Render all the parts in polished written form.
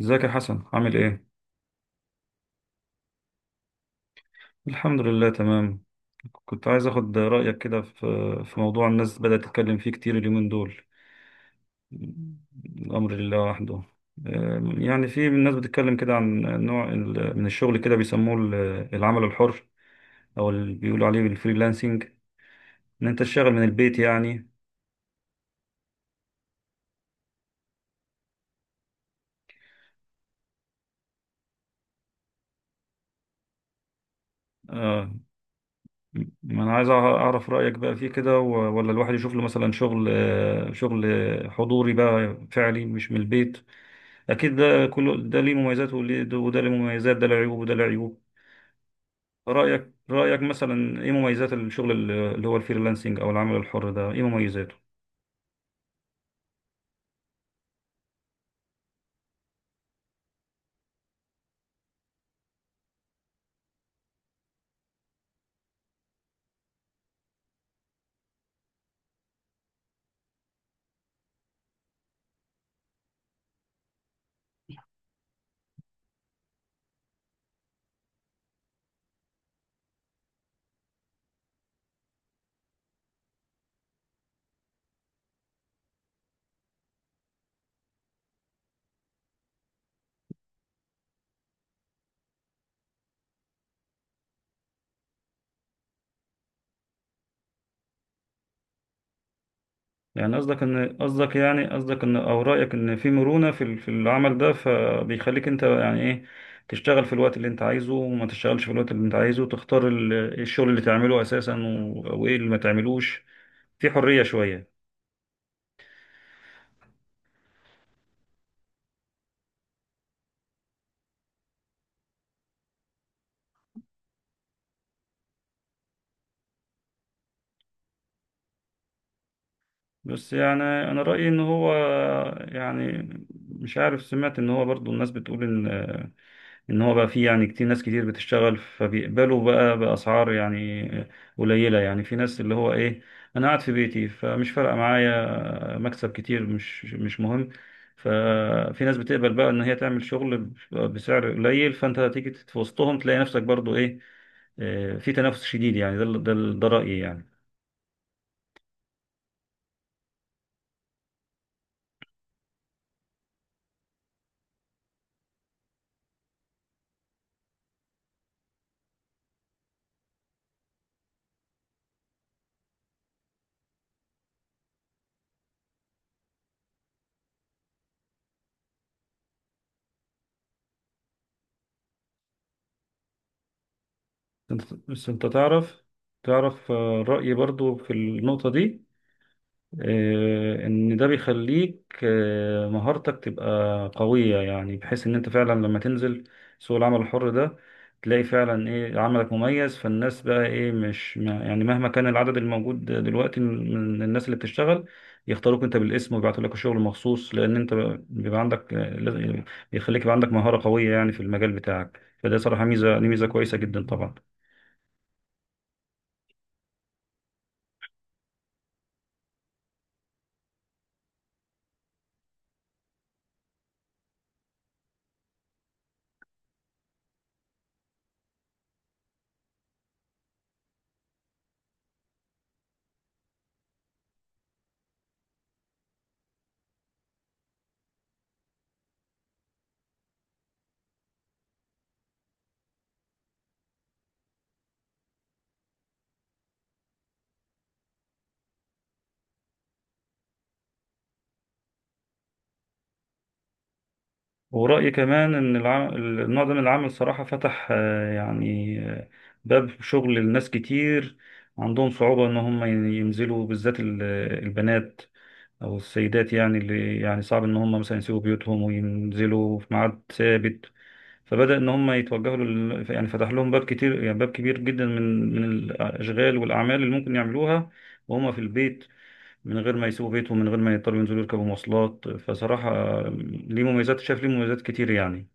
ازيك يا حسن، عامل ايه؟ الحمد لله تمام. كنت عايز اخد رأيك كده في موضوع الناس بدأت تتكلم فيه كتير اليومين دول. الأمر لله وحده. يعني في الناس بتتكلم كده عن نوع من الشغل كده، بيسموه العمل الحر، او اللي بيقولوا عليه بالفريلانسنج، ان انت تشتغل من البيت يعني. آه، ما انا عايز اعرف رأيك بقى فيه كده، ولا الواحد يشوف له مثلا شغل، شغل حضوري بقى، فعلي مش من البيت. اكيد ده كله، ده ليه مميزات وده ليه مميزات، ده له عيوب وده له عيوب. رايك مثلا ايه مميزات الشغل اللي هو الفريلانسنج او العمل الحر ده، ايه مميزاته؟ يعني قصدك ان، او رايك ان في مرونه في في العمل ده، فبيخليك انت يعني ايه، تشتغل في الوقت اللي انت عايزه وما تشتغلش في الوقت اللي انت عايزه، تختار الشغل اللي تعمله اساسا، وايه اللي ما تعملوش، في حريه شويه. بس يعني انا رايي ان هو، يعني مش عارف، سمعت ان هو برضو الناس بتقول ان ان هو بقى فيه يعني كتير، ناس كتير بتشتغل، فبيقبلوا بقى باسعار يعني قليله، يعني في ناس اللي هو ايه، انا قاعد في بيتي، فمش فارقه معايا مكسب كتير، مش مهم، ففي ناس بتقبل بقى ان هي تعمل شغل بسعر قليل، فانت هتيجي في وسطهم تلاقي نفسك برضو ايه، في تنافس شديد، يعني ده رايي يعني. بس انت تعرف، تعرف رأيي برضو في النقطة دي، ان ده بيخليك مهارتك تبقى قوية، يعني بحيث ان انت فعلا لما تنزل سوق العمل الحر ده، تلاقي فعلا ايه، عملك مميز، فالناس بقى ايه مش يعني مهما كان العدد الموجود دلوقتي من الناس اللي بتشتغل، يختاروك انت بالاسم ويبعتوا لك الشغل مخصوص، لان انت بيبقى عندك بيخليك يبقى عندك مهارة قوية يعني في المجال بتاعك، فده صراحة ميزة، دي ميزة كويسة جدا طبعا. ورأيي كمان إن النوع ده من العمل صراحة فتح، باب شغل لناس كتير عندهم صعوبة إن هم ينزلوا، بالذات البنات أو السيدات، يعني اللي يعني صعب إن هم مثلا يسيبوا بيوتهم وينزلوا في ميعاد ثابت، فبدأ إن هم يتوجهوا لل يعني، فتح لهم باب كتير، يعني باب كبير جدا من الأشغال والأعمال اللي ممكن يعملوها وهم في البيت، من غير ما يسيبوا بيتهم، من غير ما يضطروا ينزلوا يركبوا مواصلات. فصراحة ليه مميزات، شايف ليه مميزات كتير يعني.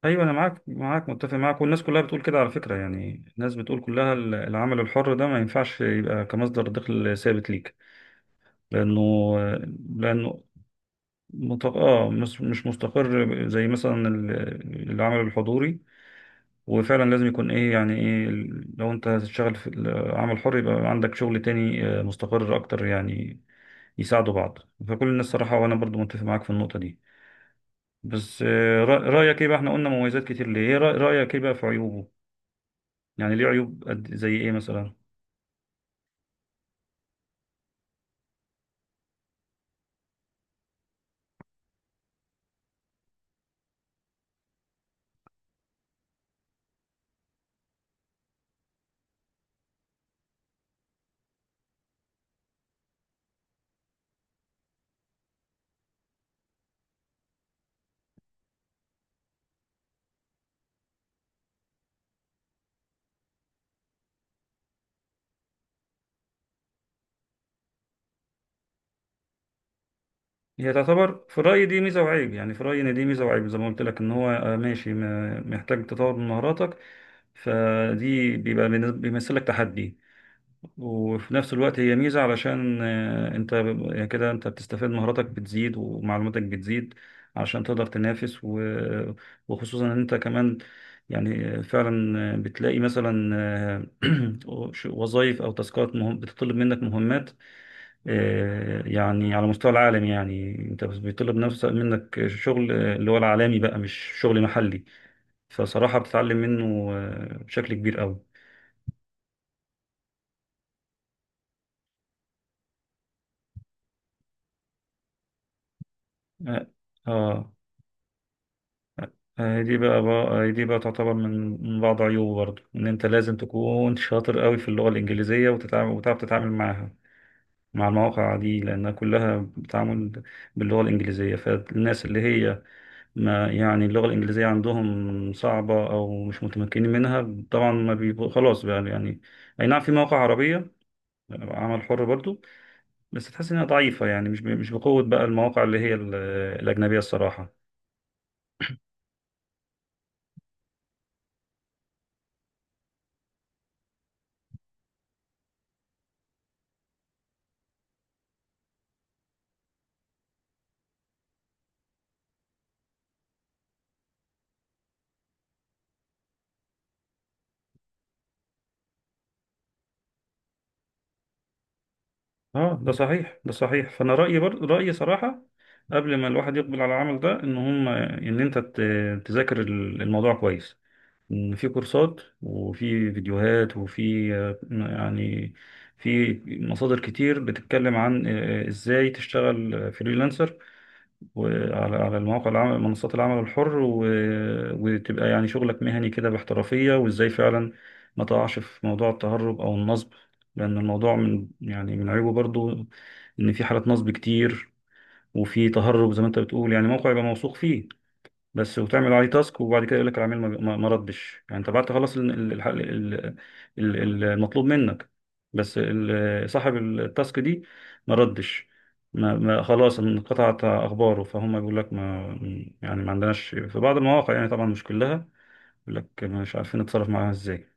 ايوه انا معاك، معاك متفق معاك، والناس كلها بتقول كده على فكره، يعني الناس بتقول كلها العمل الحر ده ما ينفعش يبقى كمصدر دخل ثابت ليك، لانه لانه مش مستقر زي مثلا العمل الحضوري، وفعلا لازم يكون ايه، يعني ايه لو انت هتشتغل في العمل الحر، يبقى عندك شغل تاني مستقر اكتر، يعني يساعدوا بعض. فكل الناس صراحه، وانا برضو متفق معاك في النقطه دي، بس رايك ايه بقى، احنا قلنا مميزات كتير ليه، ايه رايك ايه بقى في عيوبه؟ يعني ليه عيوب قد، زي ايه مثلا؟ هي تعتبر في رأيي دي ميزة وعيب، يعني في رأيي ان دي ميزة وعيب، زي ما قلت لك ان هو ماشي، محتاج تطور من مهاراتك، بيمثل لك تحدي، وفي نفس الوقت هي ميزة، علشان انت يعني كده انت بتستفاد، مهاراتك بتزيد ومعلوماتك بتزيد علشان تقدر تنافس، وخصوصا ان انت كمان يعني فعلا بتلاقي مثلا وظائف او تاسكات مهم بتطلب منك مهمات يعني على مستوى العالم، يعني انت بيطلب نفسك منك شغل اللي هو العالمي بقى، مش شغل محلي، فصراحة بتتعلم منه بشكل كبير قوي. اه. آه. آه، دي بقى, بقى دي بقى تعتبر من من بعض عيوبه برضه، ان انت لازم تكون شاطر قوي في اللغة الإنجليزية، وتتعامل، وتعرف تتعامل معاها مع المواقع دي، لأنها كلها بتعامل باللغة الإنجليزية، فالناس اللي هي ما يعني اللغة الإنجليزية عندهم صعبة أو مش متمكنين منها، طبعا ما بيبقوا، خلاص بقى يعني. أي نعم في مواقع عربية عمل حر برضه، بس تحس إنها ضعيفة، يعني مش بقوة بقى المواقع اللي هي الأجنبية الصراحة. اه ده صحيح، ده صحيح، فانا رايي برضه، رايي صراحه قبل ما الواحد يقبل على العمل ده، ان هم ان انت تذاكر الموضوع كويس، ان في كورسات وفي فيديوهات وفي في مصادر كتير بتتكلم عن ازاي تشتغل فريلانسر، وعلى على المواقع العمل منصات العمل الحر و، وتبقى يعني شغلك مهني كده باحترافية، وازاي فعلا ما تقعش في موضوع التهرب او النصب، لان الموضوع من، يعني من عيوبه برضو ان في حالات نصب كتير، وفي تهرب زي ما انت بتقول، يعني موقع يبقى موثوق فيه بس، وتعمل عليه تاسك، وبعد كده يقول لك العميل ما ردش، يعني انت بعد تخلص المطلوب منك، بس صاحب التاسك دي ما ردش، ما ما خلاص انقطعت اخباره، فهم بيقول لك، ما يعني ما عندناش، في بعض المواقع يعني، طبعا مش كلها، يقول لك مش عارفين نتصرف معاها ازاي.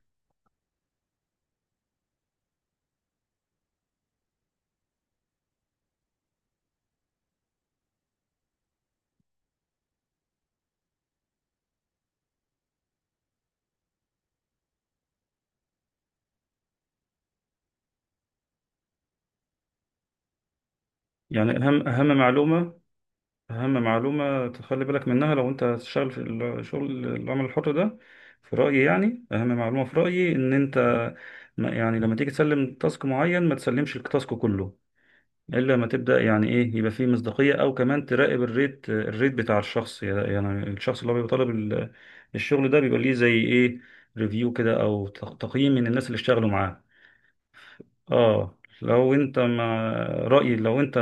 يعني اهم معلومة، أهم معلومة تخلي بالك منها لو أنت هتشتغل في العمل الحر ده، في رأيي، يعني أهم معلومة في رأيي إن أنت يعني لما تيجي تسلم تاسك معين، ما تسلمش التاسك كله إلا ما تبدأ، يعني إيه، يبقى فيه مصداقية، أو كمان تراقب الريت بتاع الشخص، يعني الشخص اللي هو بيبقى طالب الشغل ده، بيبقى ليه زي إيه، ريفيو كده أو تقييم من الناس اللي اشتغلوا معاه. اه، لو انت مع رأيي، لو انت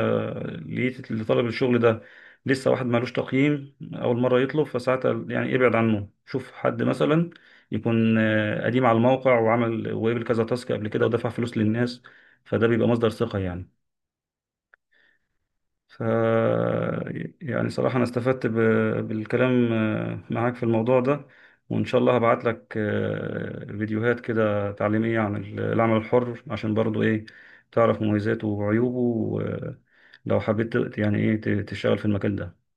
لقيت لطلب الشغل ده لسه واحد مالوش تقييم، اول مرة يطلب، فساعتها يعني ابعد عنه، شوف حد مثلا يكون قديم على الموقع وعمل وقبل كذا تاسك قبل كده، ودفع فلوس للناس، فده بيبقى مصدر ثقة يعني. ف يعني صراحة أنا استفدت بالكلام معاك في الموضوع ده، وإن شاء الله هبعت لك فيديوهات كده تعليمية عن العمل الحر، عشان برضو إيه، تعرف مميزاته وعيوبه، لو حبيت يعني إيه تشتغل في المكان ده.